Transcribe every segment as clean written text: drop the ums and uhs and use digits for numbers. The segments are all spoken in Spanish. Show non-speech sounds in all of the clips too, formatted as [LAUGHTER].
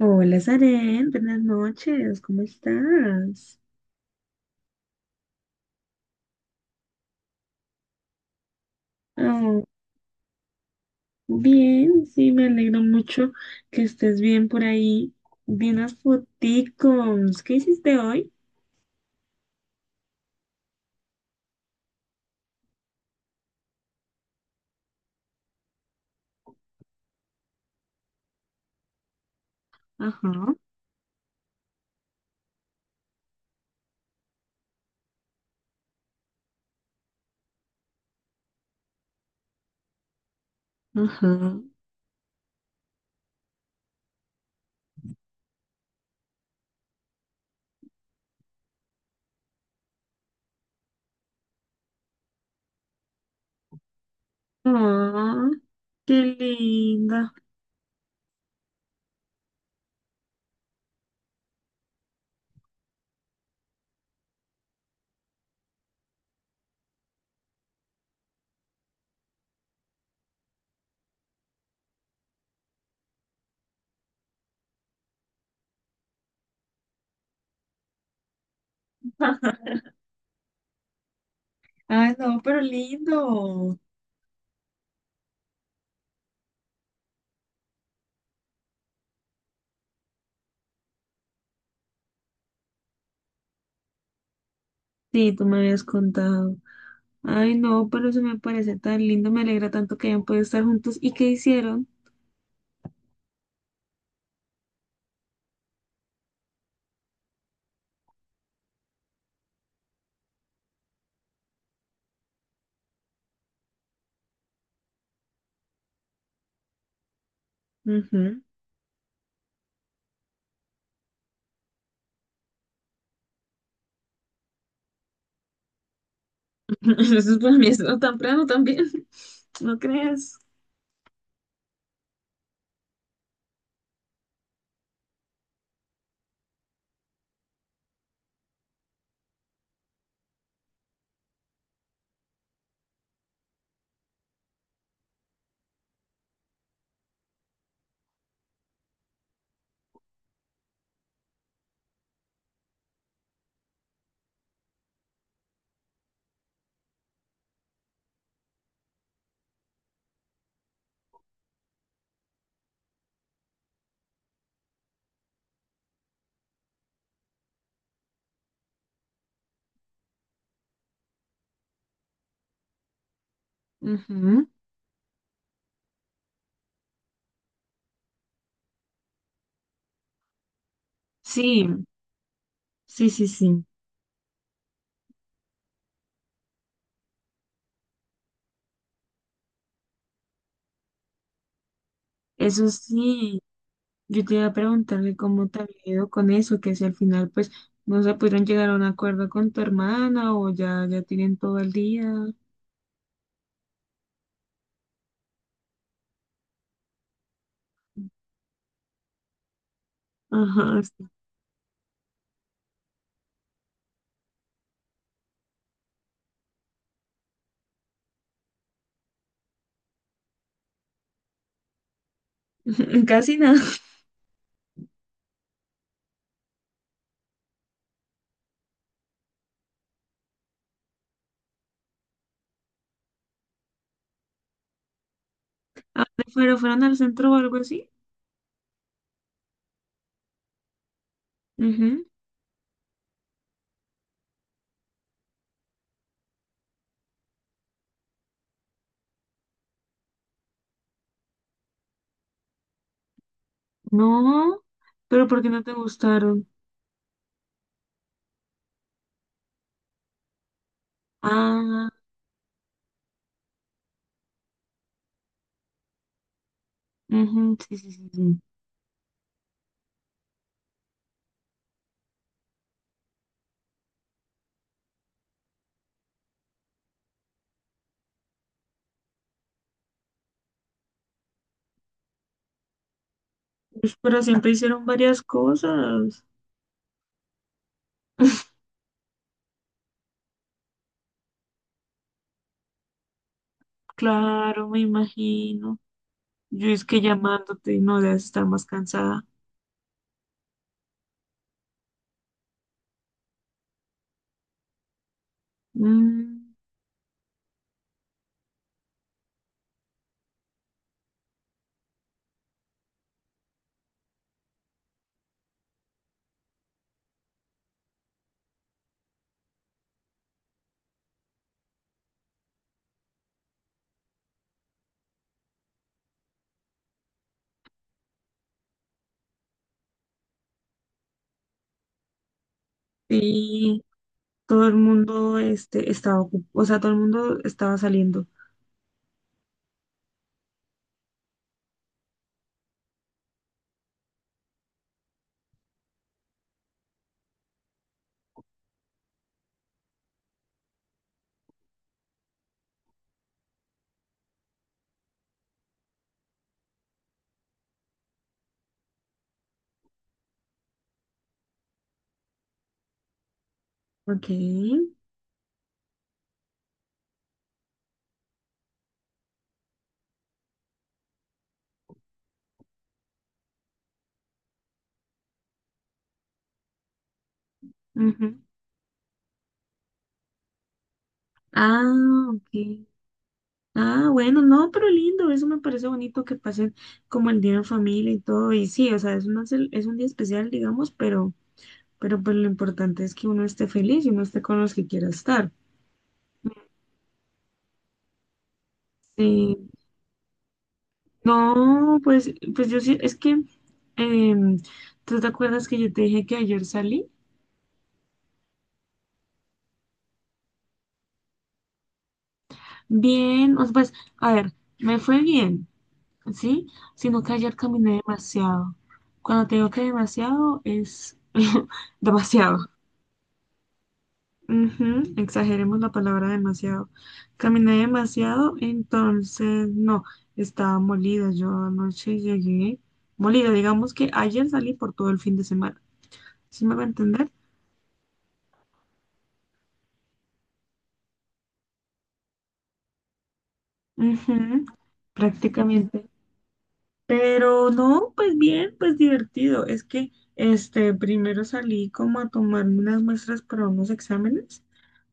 Hola, Saren, buenas noches, ¿cómo estás? Oh, bien, sí, me alegro mucho que estés bien por ahí. Vi unas foticos, ¿qué hiciste hoy? Ajá, ajá. Ah, qué linda. [LAUGHS] Ay, no, pero lindo. Sí, tú me habías contado. Ay, no, pero eso me parece tan lindo, me alegra tanto que hayan podido estar juntos. ¿Y qué hicieron? Ujú. [LAUGHS] Eso es para mí, es lo temprano también, [LAUGHS] ¿no crees? Ujú. Sí, sí, sí, sí. Eso sí, yo te iba a preguntarle cómo te había ido con eso, que si al final pues no se pudieron llegar a un acuerdo con tu hermana o ya tienen todo el día. Ajá, sí. [LAUGHS] Casi nada. ¿A dónde fueron? ¿Fueron al centro o algo así? Ujú. No, pero ¿por qué no te gustaron? Ah, ujú. Sí, sí, sí, sí. Pues, pero siempre hicieron varias cosas. [LAUGHS] Claro, me imagino. Yo es que llamándote y no debes estar más cansada. Mm, sí, todo el mundo estaba ocupado, o sea, todo el mundo estaba saliendo. Ok. Ujú. Ah, ok. Ah, bueno, no, pero lindo, eso me parece bonito que pasen como el día en familia y todo. Y sí, o sea, es una es un día especial, digamos, pero pues lo importante es que uno esté feliz y uno esté con los que quiera estar. Sí. No, pues, pues yo sí, es que, em, ¿tú te acuerdas que yo te dije que ayer salí? Bien, o sea, pues, a ver, me fue bien, ¿sí? Sino que ayer caminé demasiado. Cuando te digo que demasiado, es [LAUGHS] demasiado. Ujú, exageremos la palabra demasiado. Caminé demasiado, entonces, no, estaba molida. Yo anoche llegué molida, digamos que ayer salí por todo el fin de semana. ¿Sí me va a entender? Ujú, prácticamente. Pero no, pues bien, pues divertido. Es que este primero salí como a tomarme unas muestras para unos exámenes.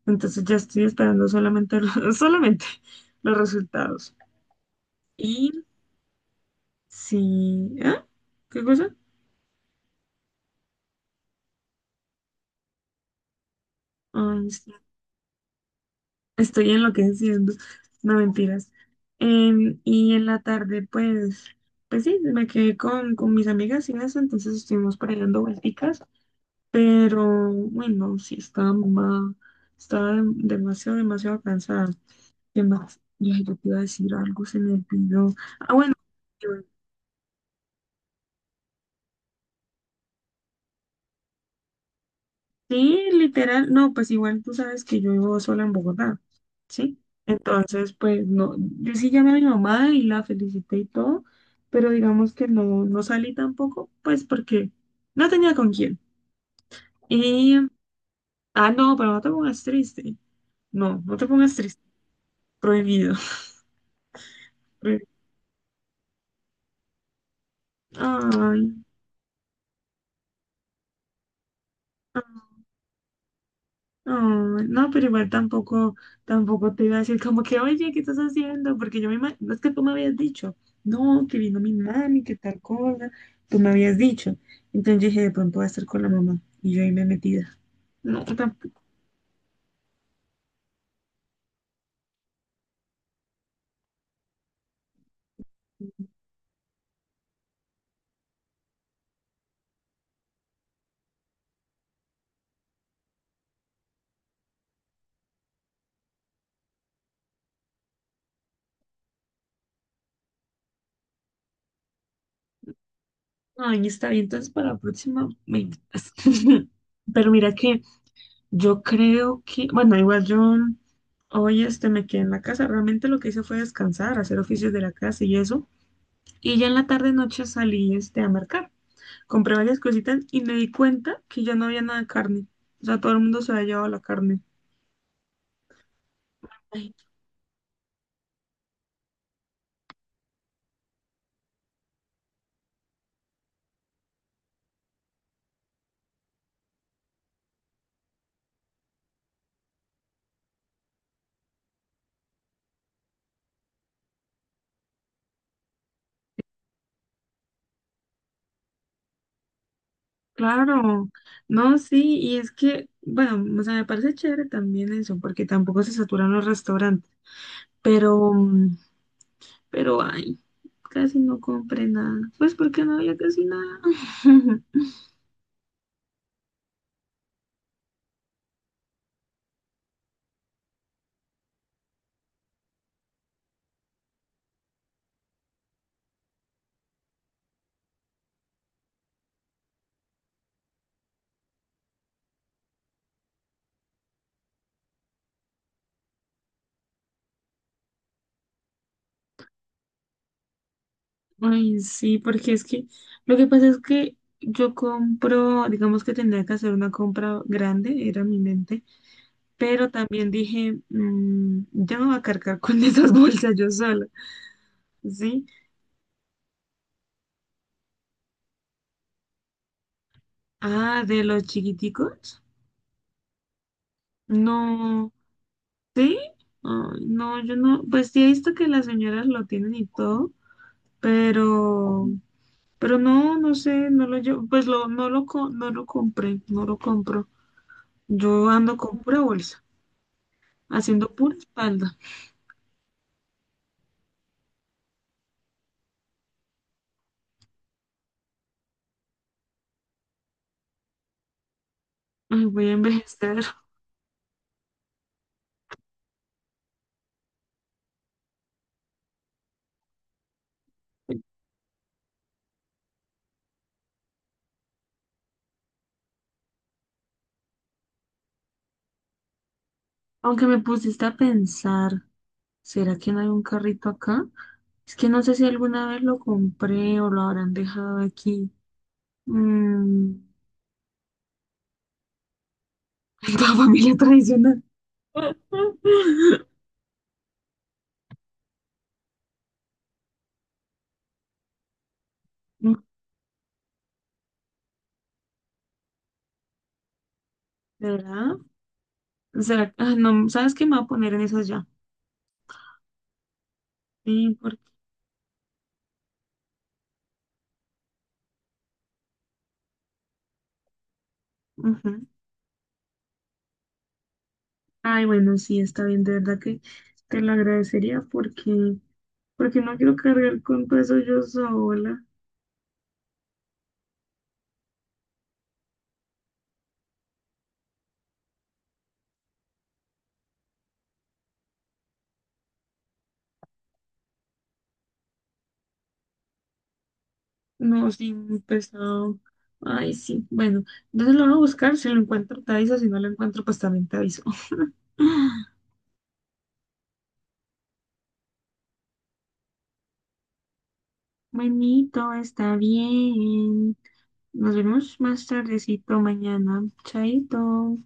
Entonces ya estoy esperando solamente los, [LAUGHS] solamente los resultados. Y sí, ¿ah? ¿Qué cosa? Ay, sí, estoy enloqueciendo. No mentiras. Y en la tarde, pues, pues sí, me quedé con mis amigas y eso, entonces estuvimos por ahí dando vuelticas. Pero bueno, sí, estaba mamá, estaba demasiado, demasiado cansada. ¿Qué más? Yo, ay, yo te iba a decir algo, se me olvidó. Ah, bueno, yo- sí, literal, no, pues igual tú sabes que yo vivo sola en Bogotá, ¿sí? Entonces, pues no, yo sí llamé a mi mamá y la felicité y todo, pero digamos que no, no salí tampoco, pues porque no tenía con quién. Y, ah, no, pero no te pongas triste. No, no te pongas triste. Prohibido. [LAUGHS] Prohibido. Ay. Oh, no, pero igual tampoco, tampoco te iba a decir como que, oye, ¿qué estás haciendo? Porque yo no es que tú me habías dicho, no, que vino mi mami, que tal cosa, tú me habías dicho. Entonces yo dije, de pronto voy a estar con la mamá. Y yo ahí me metida. No, tampoco. Ay, está bien, entonces para la próxima me invitas. [LAUGHS] Pero mira que yo creo que, bueno, igual yo hoy este me quedé en la casa. Realmente lo que hice fue descansar, hacer oficios de la casa y eso. Y ya en la tarde noche salí este a marcar. Compré varias cositas y me di cuenta que ya no había nada de carne. O sea, todo el mundo se había llevado la carne. Ay, claro, no, sí, y es que, bueno, o sea, me parece chévere también eso, porque tampoco se saturan los restaurantes, pero, mm, pero, ay, casi no compré nada, pues porque no había casi nada. [LAUGHS] Ay, sí, porque es que, lo que pasa es que yo compro, digamos que tendría que hacer una compra grande, era mi mente, pero también dije, "Mm, yo me voy a cargar con [LAUGHS] esas bolsas yo sola, ¿sí? Ah, de los chiquiticos, no, ¿sí? Ay, no, yo no, pues sí he visto que las señoras lo tienen y todo, pero, pero no, no sé, no lo llevo, pues lo, no lo compré, no lo compro, yo ando con pura bolsa, haciendo pura espalda. Ay, voy a envejecer. Aunque me pusiste a pensar, ¿será que no hay un carrito acá? Es que no sé si alguna vez lo compré o lo habrán dejado aquí. Mm, [LAUGHS] en toda familia tradicional. [LAUGHS] ¿Será? ¿Será? Ah, no, ¿sabes qué? Me voy a poner en esas ya. Sí, porque... ujú. Ay, bueno, sí, está bien, de verdad que te lo agradecería porque, porque no quiero cargar con todo eso yo sola. No, sí, muy pesado. Ay, sí. Bueno, entonces lo voy a buscar. Si lo encuentro, te aviso. Si no lo encuentro, pues también te aviso. [GASPS] [SIGHS] Buenito, está bien. Nos vemos más tardecito mañana. Chaito.